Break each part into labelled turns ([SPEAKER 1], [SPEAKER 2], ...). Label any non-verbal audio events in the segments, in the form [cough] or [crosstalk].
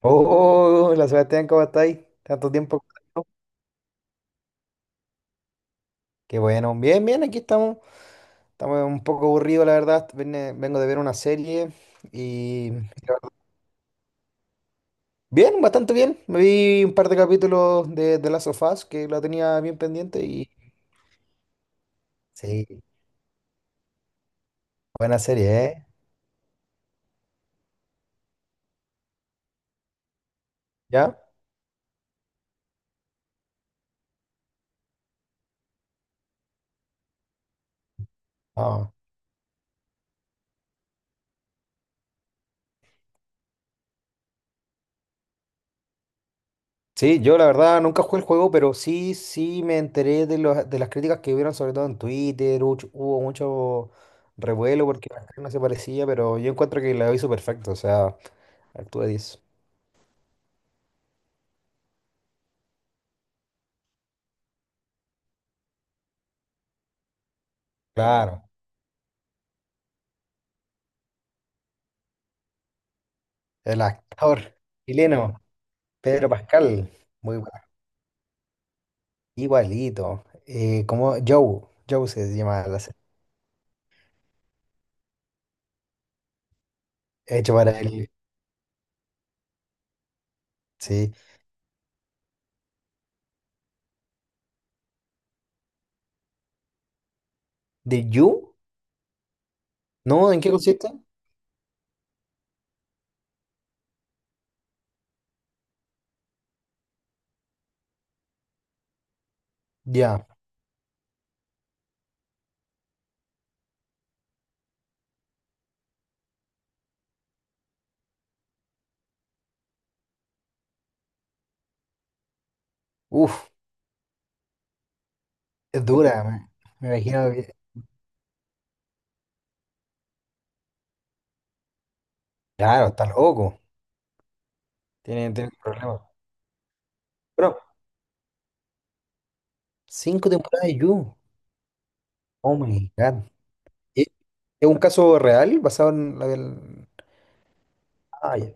[SPEAKER 1] Oh, hola Sebastián, ¿cómo estáis? Tanto tiempo. Qué bueno. Bien, bien, aquí estamos. Estamos un poco aburridos, la verdad. Vengo de ver una serie y... Bien, bastante bien. Me vi un par de capítulos de Last of Us que la tenía bien pendiente y... Sí, buena serie, ¿eh? ¿Ya? Ah. Sí, yo la verdad nunca jugué el juego, pero sí, sí me enteré de, de las críticas que hubieron, sobre todo en Twitter. Hubo mucho revuelo porque la gente no se parecía, pero yo encuentro que la hizo perfecto, o sea... Actúa 10. Claro. El actor chileno, Pedro Pascal. Muy bueno. Igualito. Como Joe. Joe se llama la serie. Hecho para él. Sí. ¿De You? No, ¿en qué consiste? Ya. Uf, es dura. Me imagino que. Claro, está loco. Tiene, tiene problemas. Pero, cinco temporadas de You. Oh my God. ¿Es es un caso real basado en la... Ah, ya.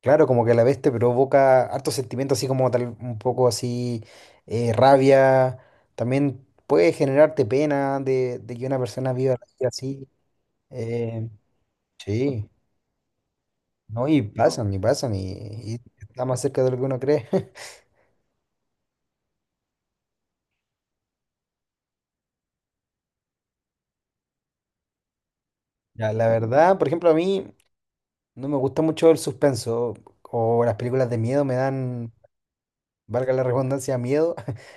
[SPEAKER 1] Claro, como que a la vez te provoca hartos sentimientos, así como tal, un poco así, rabia. También puede generarte pena de que una persona viva la vida así. eh, sí, ¿no? Y pasan, y pasan, y está más cerca de lo que uno cree. [laughs] Ya, la verdad, por ejemplo, a mí no me gusta mucho el suspenso o las películas de miedo me dan, valga la redundancia, miedo. [laughs]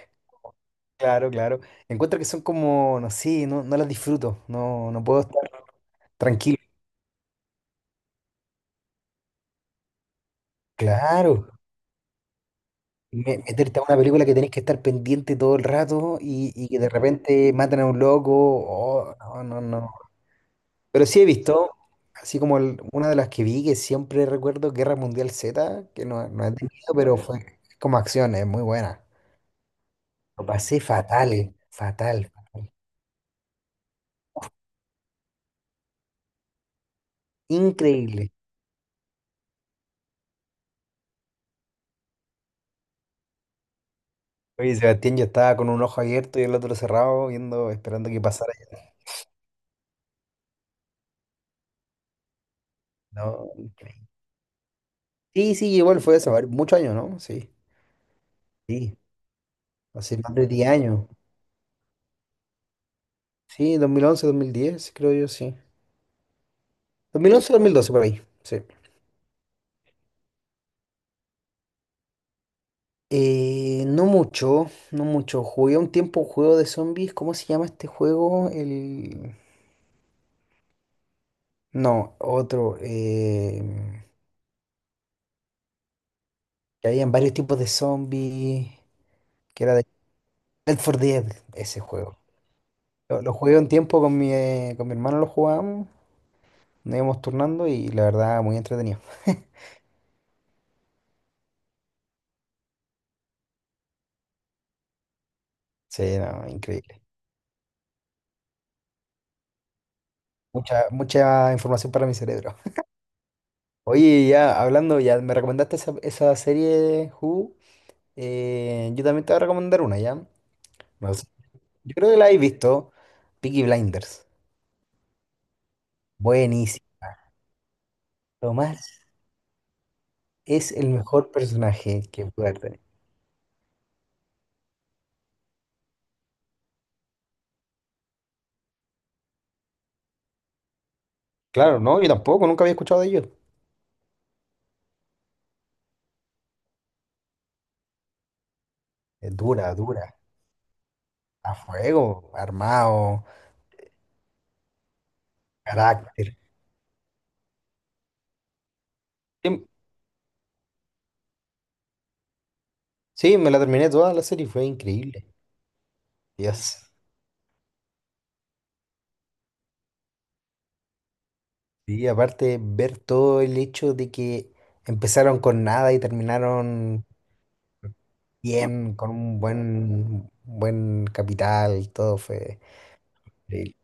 [SPEAKER 1] Claro, claro. Encuentro que son como, no sé, no, no las disfruto, no, no puedo estar tranquilo. Claro. Meterte a una película que tenés que estar pendiente todo el rato y que de repente matan a un loco. Oh, no, no, no. Pero sí he visto, así como una de las que vi, que siempre recuerdo, Guerra Mundial Z, que no, no he tenido, pero fue como acción, es muy buena. Lo pasé fatal, fatal, fatal. Increíble. Oye, Sebastián, yo estaba con un ojo abierto y el otro cerrado, viendo, esperando que pasara. No, increíble. Sí, sí, igual fue eso, a ver, muchos años, ¿no? Sí, sí, hace más de 10 años. Sí, dos mil once, 2010, creo yo, sí. Dos mil once, 2012 por ahí, sí. No mucho, no mucho. Jugué un tiempo un juego de zombies. ¿Cómo se llama este juego? El... No, otro. Que habían varios tipos de zombies. Que era de Left 4 Dead, ese juego. Lo jugué un tiempo con mi hermano, lo jugábamos. Nos íbamos turnando y la verdad, muy entretenido. [laughs] Sí, no, increíble. Mucha, mucha información para mi cerebro. Oye, ya hablando, ya me recomendaste esa serie de Who. Yo también te voy a recomendar una, ¿ya? No sé, yo creo que la habéis visto. Peaky Blinders. Buenísima. Tomás es el mejor personaje que puede haber tenido. Claro, no, yo tampoco, nunca había escuchado de ellos. Es dura, dura. A fuego, armado, carácter. Sí, sí, me la terminé toda la serie, fue increíble. Dios. Y aparte, ver todo el hecho de que empezaron con nada y terminaron bien, con un buen, buen capital, todo fue increíble.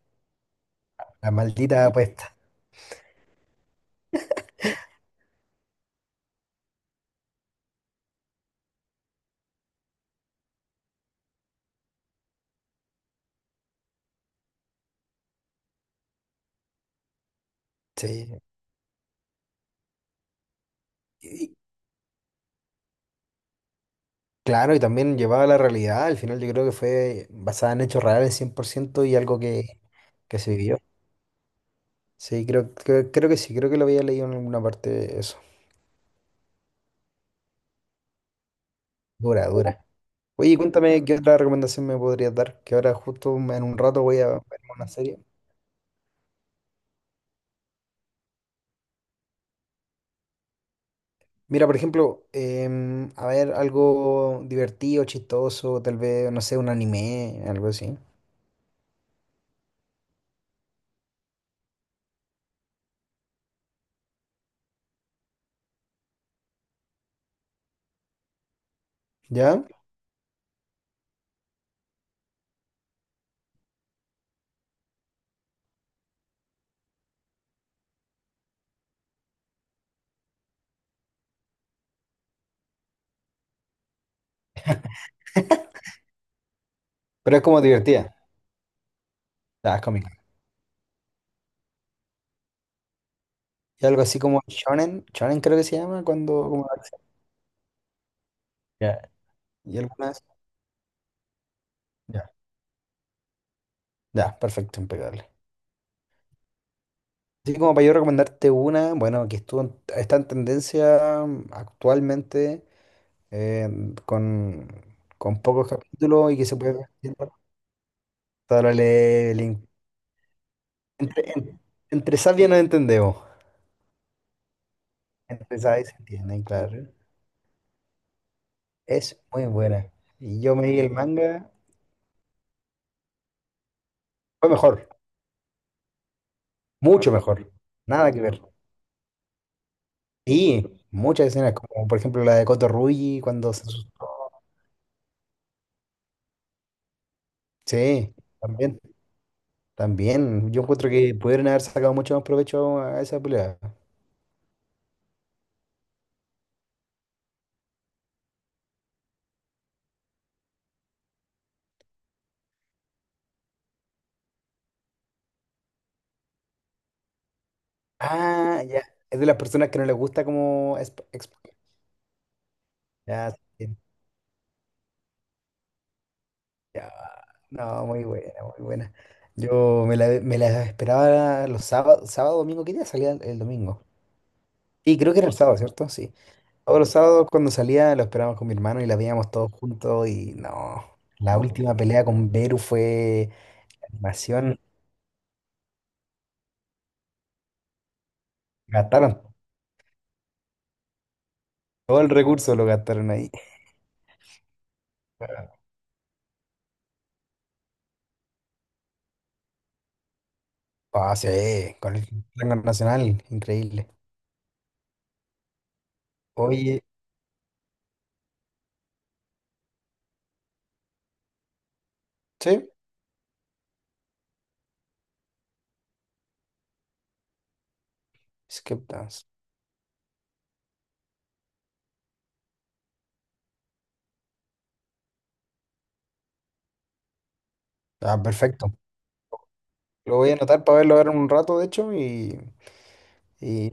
[SPEAKER 1] La maldita apuesta. Sí. Y- claro, y también llevaba la realidad. Al final yo creo que fue basada en hechos reales 100% y algo que se vivió. Sí, creo, creo, creo que sí, creo que lo había leído en alguna parte eso. Dura, dura. Oye, cuéntame qué otra recomendación me podrías dar, que ahora justo en un rato voy a ver una serie. Mira, por ejemplo, a ver, algo divertido, chistoso, tal vez, no sé, un anime, algo así. ¿Ya? Pero es como divertida. Ya, es cómica. Y algo así como shonen, shonen creo que se llama, cuando... Como... Ya. Y algunas... Ya. Ya, perfecto, impecable. Así como para yo recomendarte una, bueno, que estuvo, está en tendencia actualmente, eh, con, con pocos capítulos y que se puede ver. Dale, link. Entre, en- entre sabias nos entendemos. Empezaba y se entienden, claro. Es muy buena. Y yo me vi el manga, fue mejor, mucho mejor. Nada que ver. Y muchas escenas, como por ejemplo la de Kotorugi cuando se asustó. Sí, también, también. Yo encuentro que pudieron haber sacado mucho más provecho a esa pelea. Ah, ya. Es de las personas que no les gusta como... Ya, sí, ya. No, muy buena, muy buena. Yo me la esperaba los sábados, sábado, domingo. ¿Qué día salía el domingo? Y creo que era el sábado, ¿cierto? Sí. Todos los sábados cuando salía lo esperábamos con mi hermano y la veíamos todos juntos y no. La Oh. última pelea con Beru fue animación. Gastaron todo el recurso, lo gastaron ahí. Ah, sí, con el rango nacional, increíble. Oye, sí, Skip Dance. Ah, perfecto. Lo voy a anotar para verlo ahora en un rato, de hecho, y...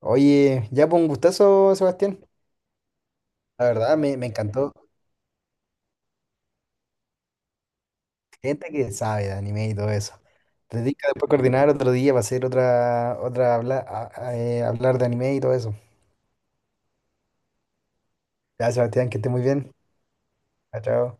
[SPEAKER 1] Oye, ya fue un gustazo, Sebastián. La verdad, me encantó. Gente que sabe de anime y todo eso. Te tienes que después coordinar otro día para hacer otra, otra hablar de anime y todo eso. Ya, Sebastián, que esté muy bien. Chao, chao.